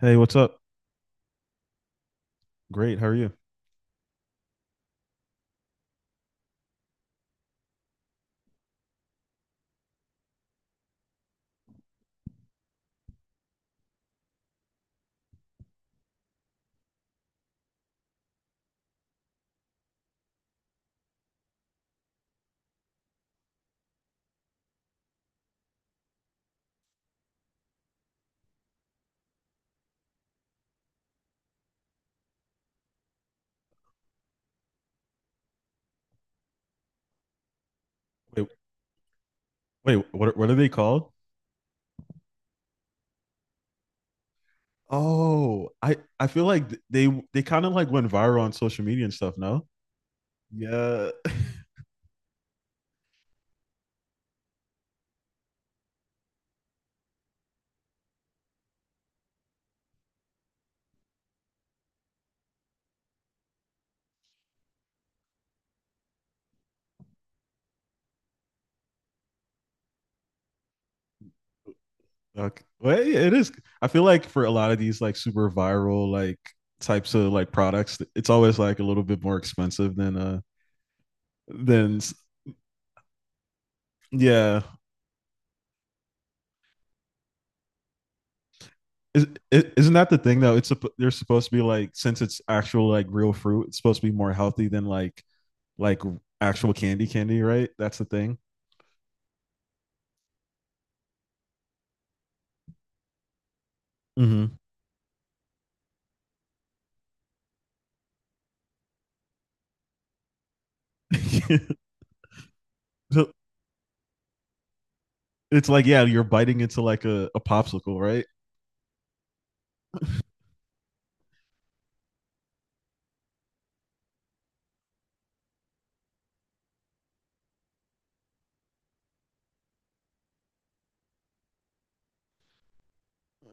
Hey, what's up? Great. How are you? Wait, wait, what are they called? Oh, I feel like they kind of like went viral on social media and stuff, no? Yeah. Okay. Well, yeah, it is. I feel like for a lot of these like super viral like types of like products, it's always like a little bit more expensive than than s- yeah. Is, isn't that the thing though? They're supposed to be like since it's actual like real fruit, it's supposed to be more healthy than like actual candy candy, right? That's the thing. So it's like, yeah, you're biting into like a popsicle, right?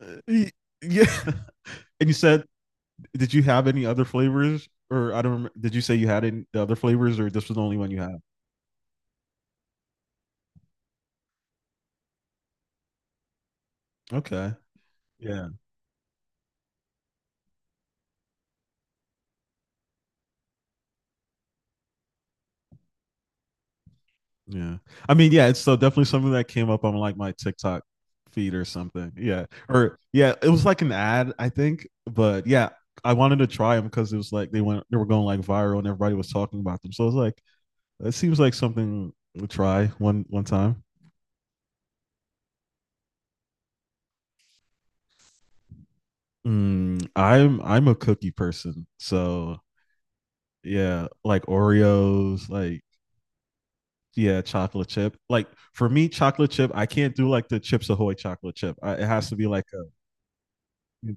Uh, Yeah. And you said, did you have any other flavors? Or I don't remember. Did you say you had any other flavors, or this was the only one you had? Okay. Yeah. Yeah. I mean, yeah, it's so definitely something that came up on like my TikTok feed or something. Yeah. Or yeah, it was like an ad, I think. But yeah, I wanted to try them because it was like they were going like viral, and everybody was talking about them. So I was like, it seems like something we'll try one time. I'm a cookie person. So yeah, like Oreos, like yeah, chocolate chip. Like for me, chocolate chip, I can't do like the Chips Ahoy chocolate chip. It has to be like a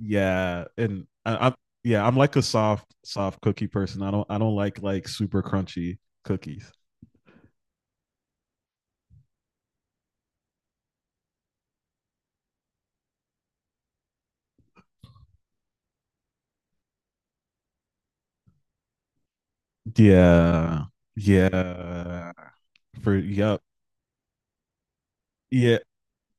yeah, and I'm yeah, I'm like a soft cookie person. I don't like super crunchy cookies. Yeah. Yeah. For Yep. Yeah.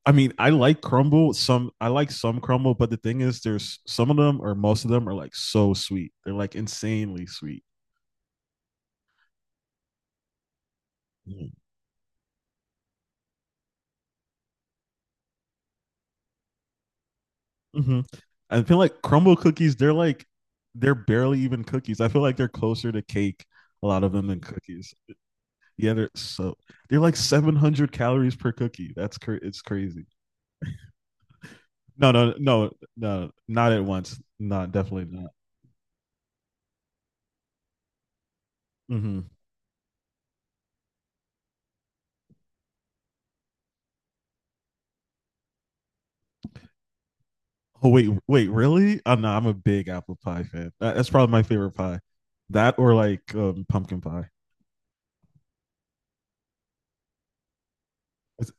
I mean, I like crumble. Some I like some crumble, but the thing is, there's some of them or most of them are like so sweet. They're like insanely sweet. Mhm. I feel like crumble cookies. They're barely even cookies. I feel like they're closer to cake, a lot of them, than cookies. Yeah, they're like 700 calories per cookie. It's crazy. No, no, no, no, not at once. Not definitely not. Hmm. Oh wait, wait, really? Oh, no, I'm a big apple pie fan. That's probably my favorite pie. That or like pumpkin pie. It's-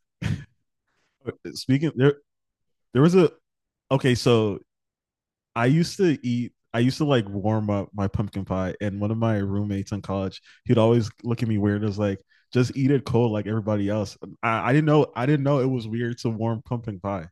Speaking there, there was a, okay. So I used to eat. I used to like warm up my pumpkin pie, and one of my roommates in college, he'd always look at me weird, and was like, just eat it cold like everybody else. I didn't know. I didn't know it was weird to warm pumpkin pie.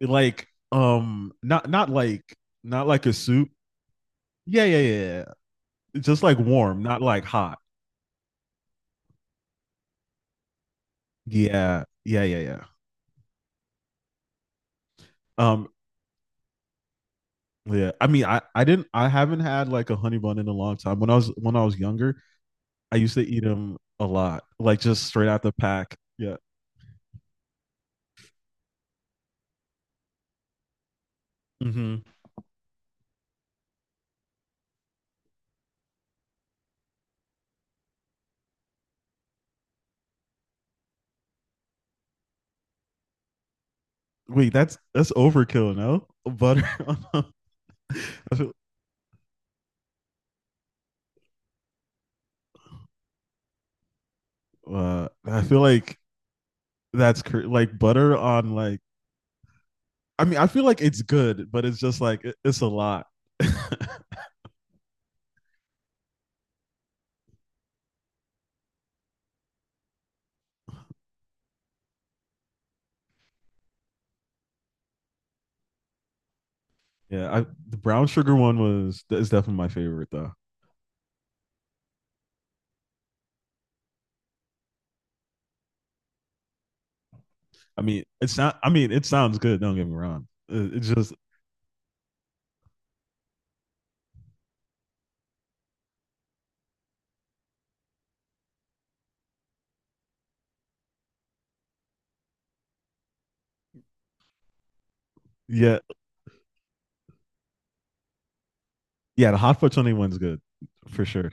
Like not like a soup. Yeah, yeah, yeah, yeah, yeah. Just like warm, not like hot. Yeah, yeah, yeah, yeah. Um, yeah. I mean, I haven't had like a honey bun in a long time. When I was younger, I used to eat them a lot, like just straight out the pack. Yeah. Hmm. Wait, that's overkill, no? Butter on a- I feel, I feel like, like butter on like, I mean, I feel like it's good, but it's just like it's a lot. Yeah, the brown sugar one was is definitely my favorite though. I mean, it's not. I mean, it sounds good. Don't get me wrong. It's just, yeah, yeah. The hot for 21's good for sure.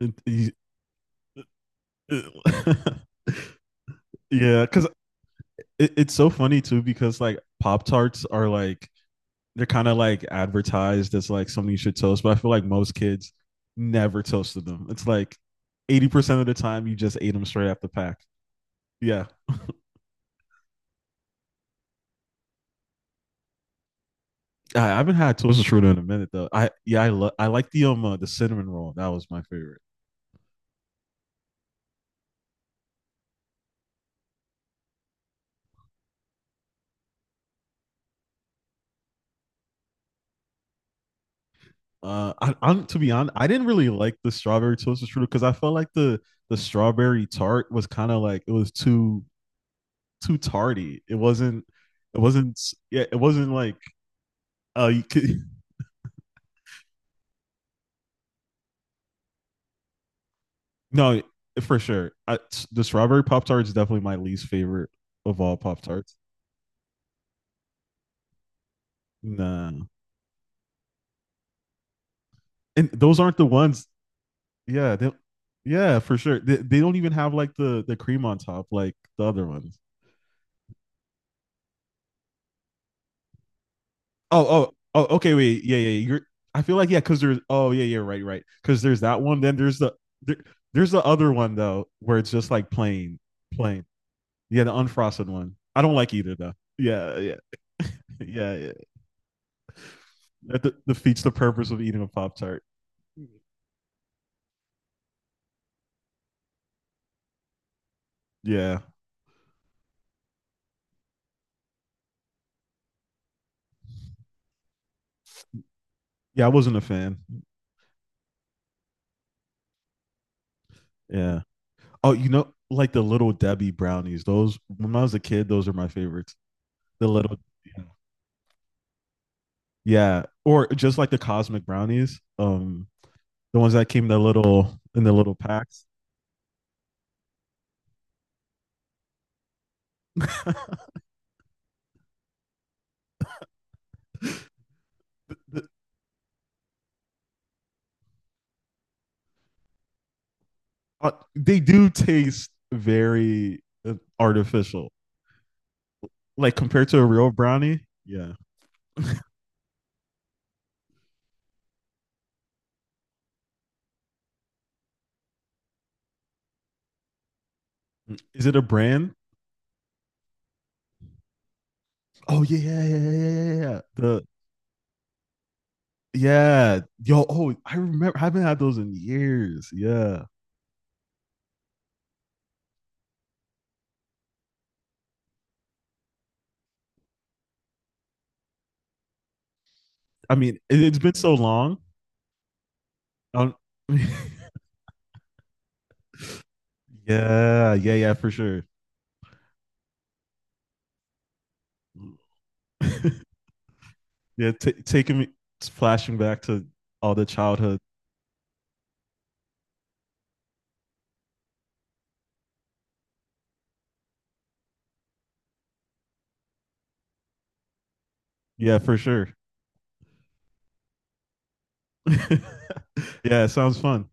It- you- yeah, because it's so funny too. Because like Pop Tarts are like, they're kind of like advertised as like something you should toast, but I feel like most kids never toasted them. It's like 80% of the time you just ate them straight out the pack. Yeah, I haven't had toaster strudel in a minute though. I yeah, I love I like the cinnamon roll. That was my favorite. I'm to be honest, I didn't really like the strawberry toaster strudel because I felt like the strawberry tart was kind of like it was too tardy. It wasn't, yeah, it wasn't like you could. No, for sure. The strawberry pop tart is definitely my least favorite of all pop tarts. Nah, and those aren't the ones, yeah, yeah, for sure. They don't even have like the cream on top like the other ones. Oh, oh, oh. Okay, wait. Yeah, yeah. You're. I feel like, yeah, because there's. Oh, yeah, yeah. Right, right. Because there's that one. Then there, there's the other one though, where it's just like plain, plain. Yeah, the unfrosted one. I don't like either though. Yeah, yeah, yeah, yeah. That defeats the purpose of eating a pop tart. Yeah, yeah. I wasn't a fan. Yeah. Oh, like the little Debbie brownies. Those when I was a kid, those are my favorites. The little Yeah, or just like the cosmic brownies, the ones that came in the little packs. The- they do taste very artificial, like compared to a real brownie. Yeah, is it a brand? Oh, yeah, yeah, yeah, yeah, yeah, yeah, yeah. The Yeah, yo, oh, I remember. I haven't had those in years. Yeah, I mean, it's been so long. I don't- yeah, yeah, yeah, for sure. Yeah, ta taking me flashing back to all the childhood. Yeah, for sure. Yeah, it sounds fun.